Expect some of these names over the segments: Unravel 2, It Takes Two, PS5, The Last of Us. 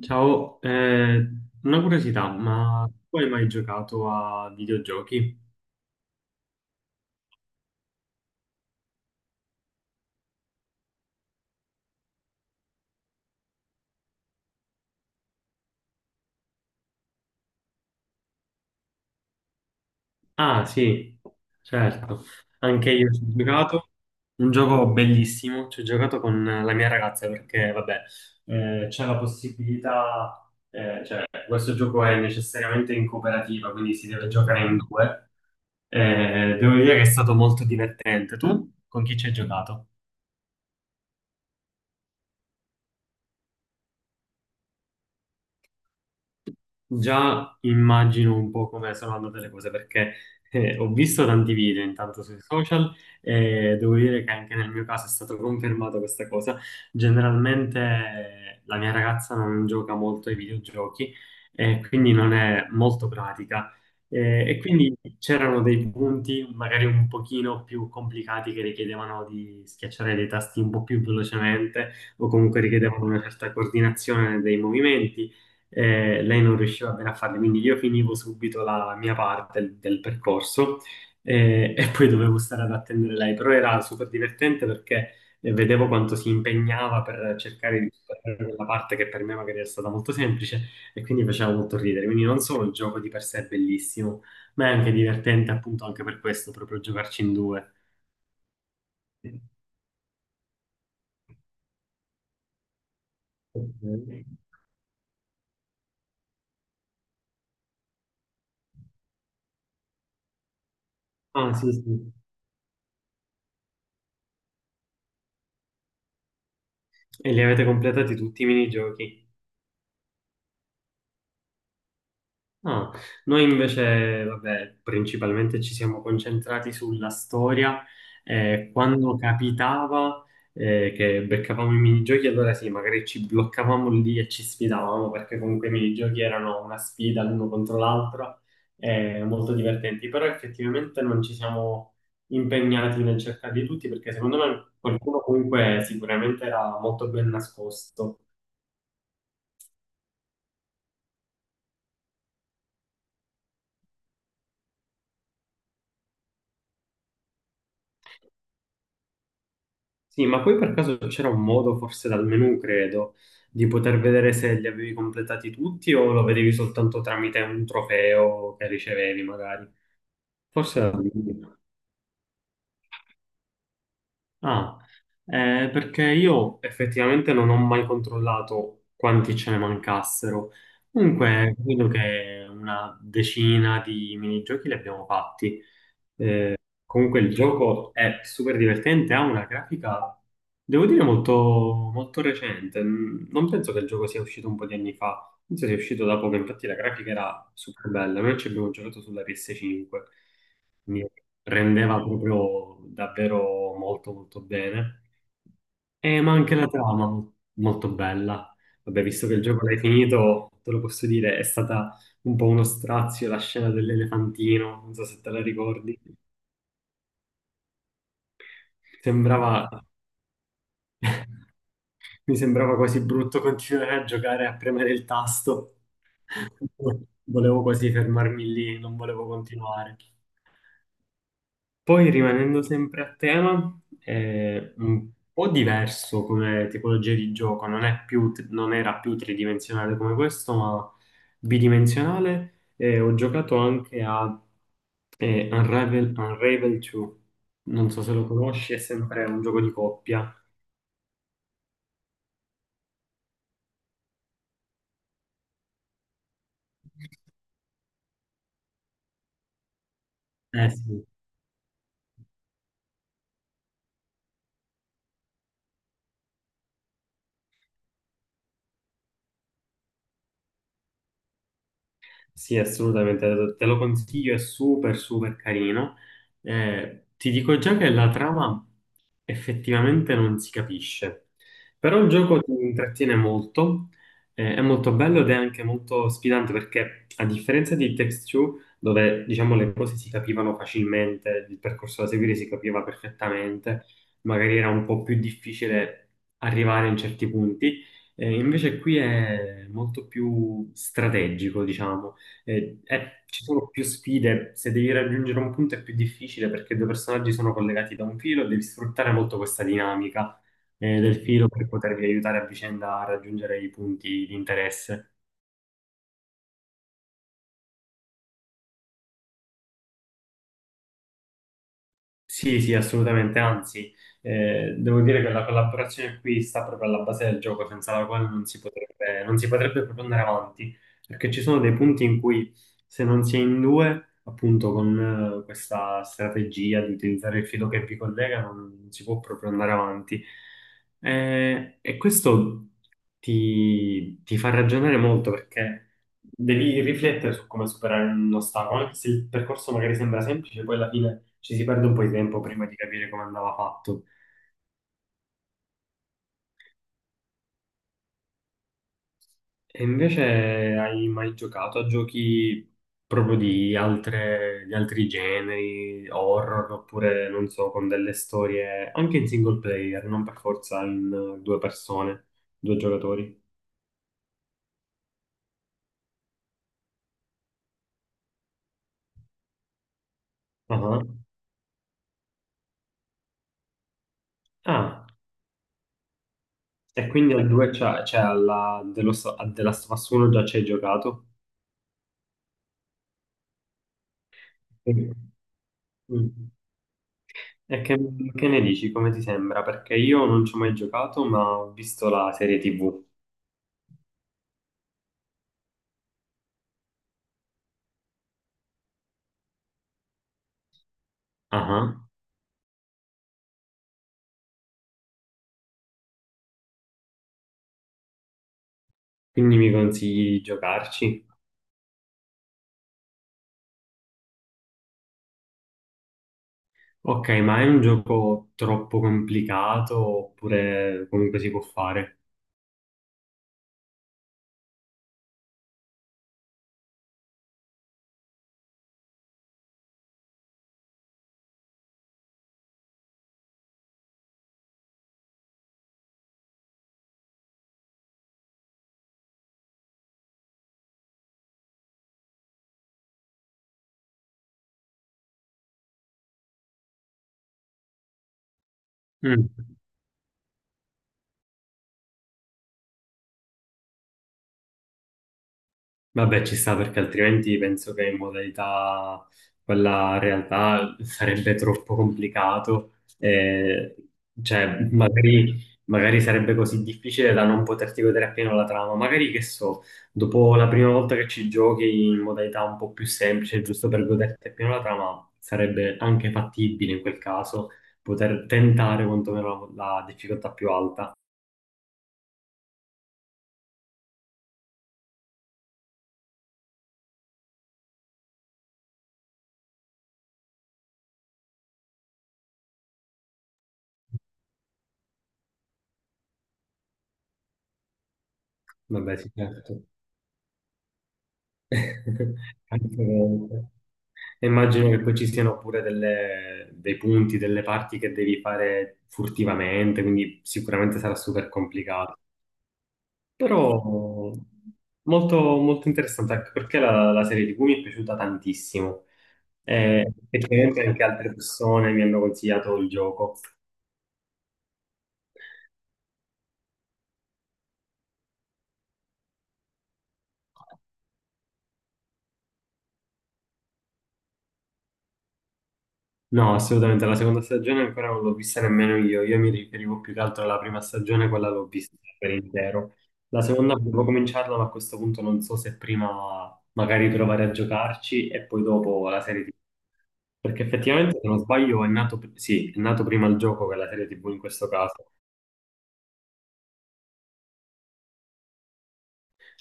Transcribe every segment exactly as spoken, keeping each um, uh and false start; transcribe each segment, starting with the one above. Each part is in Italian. Ciao, eh, una curiosità, ma tu hai mai giocato a videogiochi? Ah, sì, certo, anche io ci ho giocato, un gioco bellissimo, ci ho giocato con la mia ragazza perché, vabbè, eh, c'è la possibilità, eh, cioè, questo gioco è necessariamente in cooperativa, quindi si deve giocare in due. Eh, devo dire che è stato molto divertente. Tu con chi ci hai giocato? Già immagino un po' come sono andate le cose perché eh, ho visto tanti video intanto sui social e devo dire che anche nel mio caso è stata confermata questa cosa. Generalmente eh, la mia ragazza non gioca molto ai videogiochi e quindi non è molto pratica. Eh, e quindi c'erano dei punti magari un pochino più complicati che richiedevano di schiacciare dei tasti un po' più velocemente o comunque richiedevano una certa coordinazione dei movimenti. Eh, lei non riusciva bene a farle, quindi io finivo subito la mia parte del, del percorso, eh, e poi dovevo stare ad attendere lei, però era super divertente perché eh, vedevo quanto si impegnava per cercare di superare quella parte che per me magari era stata molto semplice e quindi faceva molto ridere, quindi non solo il gioco di per sé è bellissimo, ma è anche divertente appunto anche per questo, proprio giocarci in due. Ok. Ah, sì, sì. E li avete completati tutti i minigiochi? Ah, noi invece, vabbè, principalmente ci siamo concentrati sulla storia. Eh, quando capitava eh, che beccavamo i minigiochi, allora sì, magari ci bloccavamo lì e ci sfidavamo, perché comunque i minigiochi erano una sfida l'uno contro l'altro, eh, molto divertenti. Però effettivamente non ci siamo impegnati nel cercarli tutti, perché secondo me qualcuno comunque sicuramente era molto ben nascosto. Sì, ma poi per caso c'era un modo, forse dal menu, credo, di poter vedere se li avevi completati tutti o lo vedevi soltanto tramite un trofeo che ricevevi, magari. Forse era dal menu. Ah, eh, perché io effettivamente non ho mai controllato quanti ce ne mancassero. Comunque, credo che una decina di minigiochi li abbiamo fatti. Comunque il gioco è super divertente, ha una grafica, devo dire, molto, molto recente. Mm, Non penso che il gioco sia uscito un po' di anni fa, penso sia uscito da poco, infatti la grafica era super bella. Noi ci abbiamo giocato sulla P S cinque, quindi rendeva proprio davvero molto molto bene. Eh, ma anche la trama mo- molto bella. Vabbè, visto che il gioco l'hai finito, te lo posso dire, è stata un po' uno strazio la scena dell'elefantino, non so se te la ricordi. Sembrava, mi sembrava quasi brutto continuare a giocare a premere il tasto. Volevo quasi fermarmi lì, non volevo continuare. Poi, rimanendo sempre a tema, è un po' diverso come tipologia di gioco, non è più- non era più tridimensionale come questo, ma bidimensionale. E ho giocato anche a eh, Unravel, Unravel due. Non so se lo conosci, è sempre un gioco di coppia. Eh sì. Sì, assolutamente, te lo consiglio, è super super carino. Eh, ti dico già che la trama effettivamente non si capisce, però il gioco ti intrattiene molto, eh, è molto bello ed è anche molto sfidante perché a differenza di It Takes Two, dove diciamo le cose si capivano facilmente, il percorso da seguire si capiva perfettamente, magari era un po' più difficile arrivare in certi punti. Eh, invece qui è molto più strategico, diciamo. Eh, eh, ci sono più sfide, se devi raggiungere un punto è più difficile perché due personaggi sono collegati da un filo e devi sfruttare molto questa dinamica, eh, del filo, per potervi aiutare a vicenda a raggiungere i punti di interesse. Sì, sì, assolutamente, anzi, eh, devo dire che la collaborazione qui sta proprio alla base del gioco, senza la quale non si potrebbe, non si potrebbe proprio andare avanti, perché ci sono dei punti in cui, se non si è in due, appunto con eh, questa strategia di utilizzare il filo che vi collega, non, non si può proprio andare avanti. Eh, e questo ti, ti fa ragionare molto perché devi riflettere su come superare un ostacolo, anche se il percorso magari sembra semplice, poi alla fine ci si perde un po' di tempo prima di capire come andava fatto. E invece hai mai giocato a giochi proprio di altre- di altri generi, horror, oppure non so, con delle storie anche in single player, non per forza in eh, due persone, due giocatori? Ah, ah, e quindi al due c'è, c'è alla The Last The Last of Us uno già ci hai giocato? Sì. Mm. E che, che ne dici? Come ti sembra? Perché io non ci ho mai giocato, ma ho visto la serie T V. Ah, quindi mi consigli di giocarci? Ok, ma è un gioco troppo complicato oppure comunque si può fare? Mm. Vabbè, ci sta perché altrimenti penso che in modalità quella realtà sarebbe troppo complicato. E, cioè, magari, magari sarebbe così difficile da non poterti godere appieno la trama. Magari, che so, dopo la prima volta che ci giochi in modalità un po' più semplice, giusto per goderti appieno la trama, sarebbe anche fattibile in quel caso poter tentare quantomeno la, la difficoltà più alta. Vabbè, sì, certo. Anche veramente. E immagino che poi ci siano pure delle- dei punti, delle parti che devi fare furtivamente, quindi sicuramente sarà super complicato. Però molto, molto interessante, anche perché la, la serie ti vù mi è piaciuta tantissimo. E effettivamente anche altre persone mi hanno consigliato il gioco. No, assolutamente, la seconda stagione ancora non l'ho vista nemmeno io, io mi riferivo più che altro alla prima stagione, quella l'ho vista per intero. La seconda devo cominciarla, ma a questo punto non so se prima magari provare a giocarci e poi dopo la serie T V. Perché effettivamente, se non sbaglio, è nato, sì, è nato prima il gioco che la serie T V in questo caso.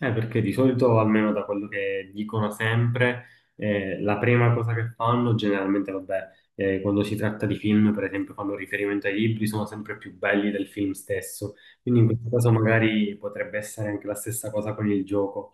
Eh, perché di solito, almeno da quello che dicono sempre, eh, la prima cosa che fanno, generalmente, vabbè, eh, quando si tratta di film, per esempio, fanno riferimento ai libri, sono sempre più belli del film stesso. Quindi in questo caso magari potrebbe essere anche la stessa cosa con il gioco.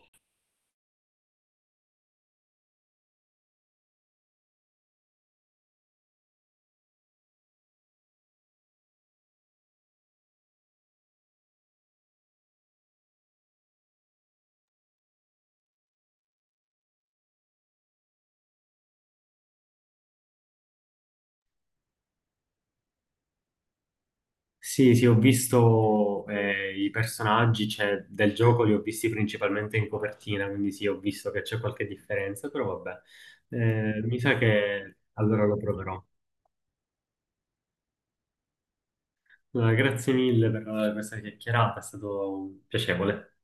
Sì, sì, ho visto eh, i personaggi, cioè, del gioco, li ho visti principalmente in copertina, quindi sì, ho visto che c'è qualche differenza, però vabbè, Eh, mi sa che allora lo proverò. Allora, grazie mille per eh, questa chiacchierata, è stato piacevole.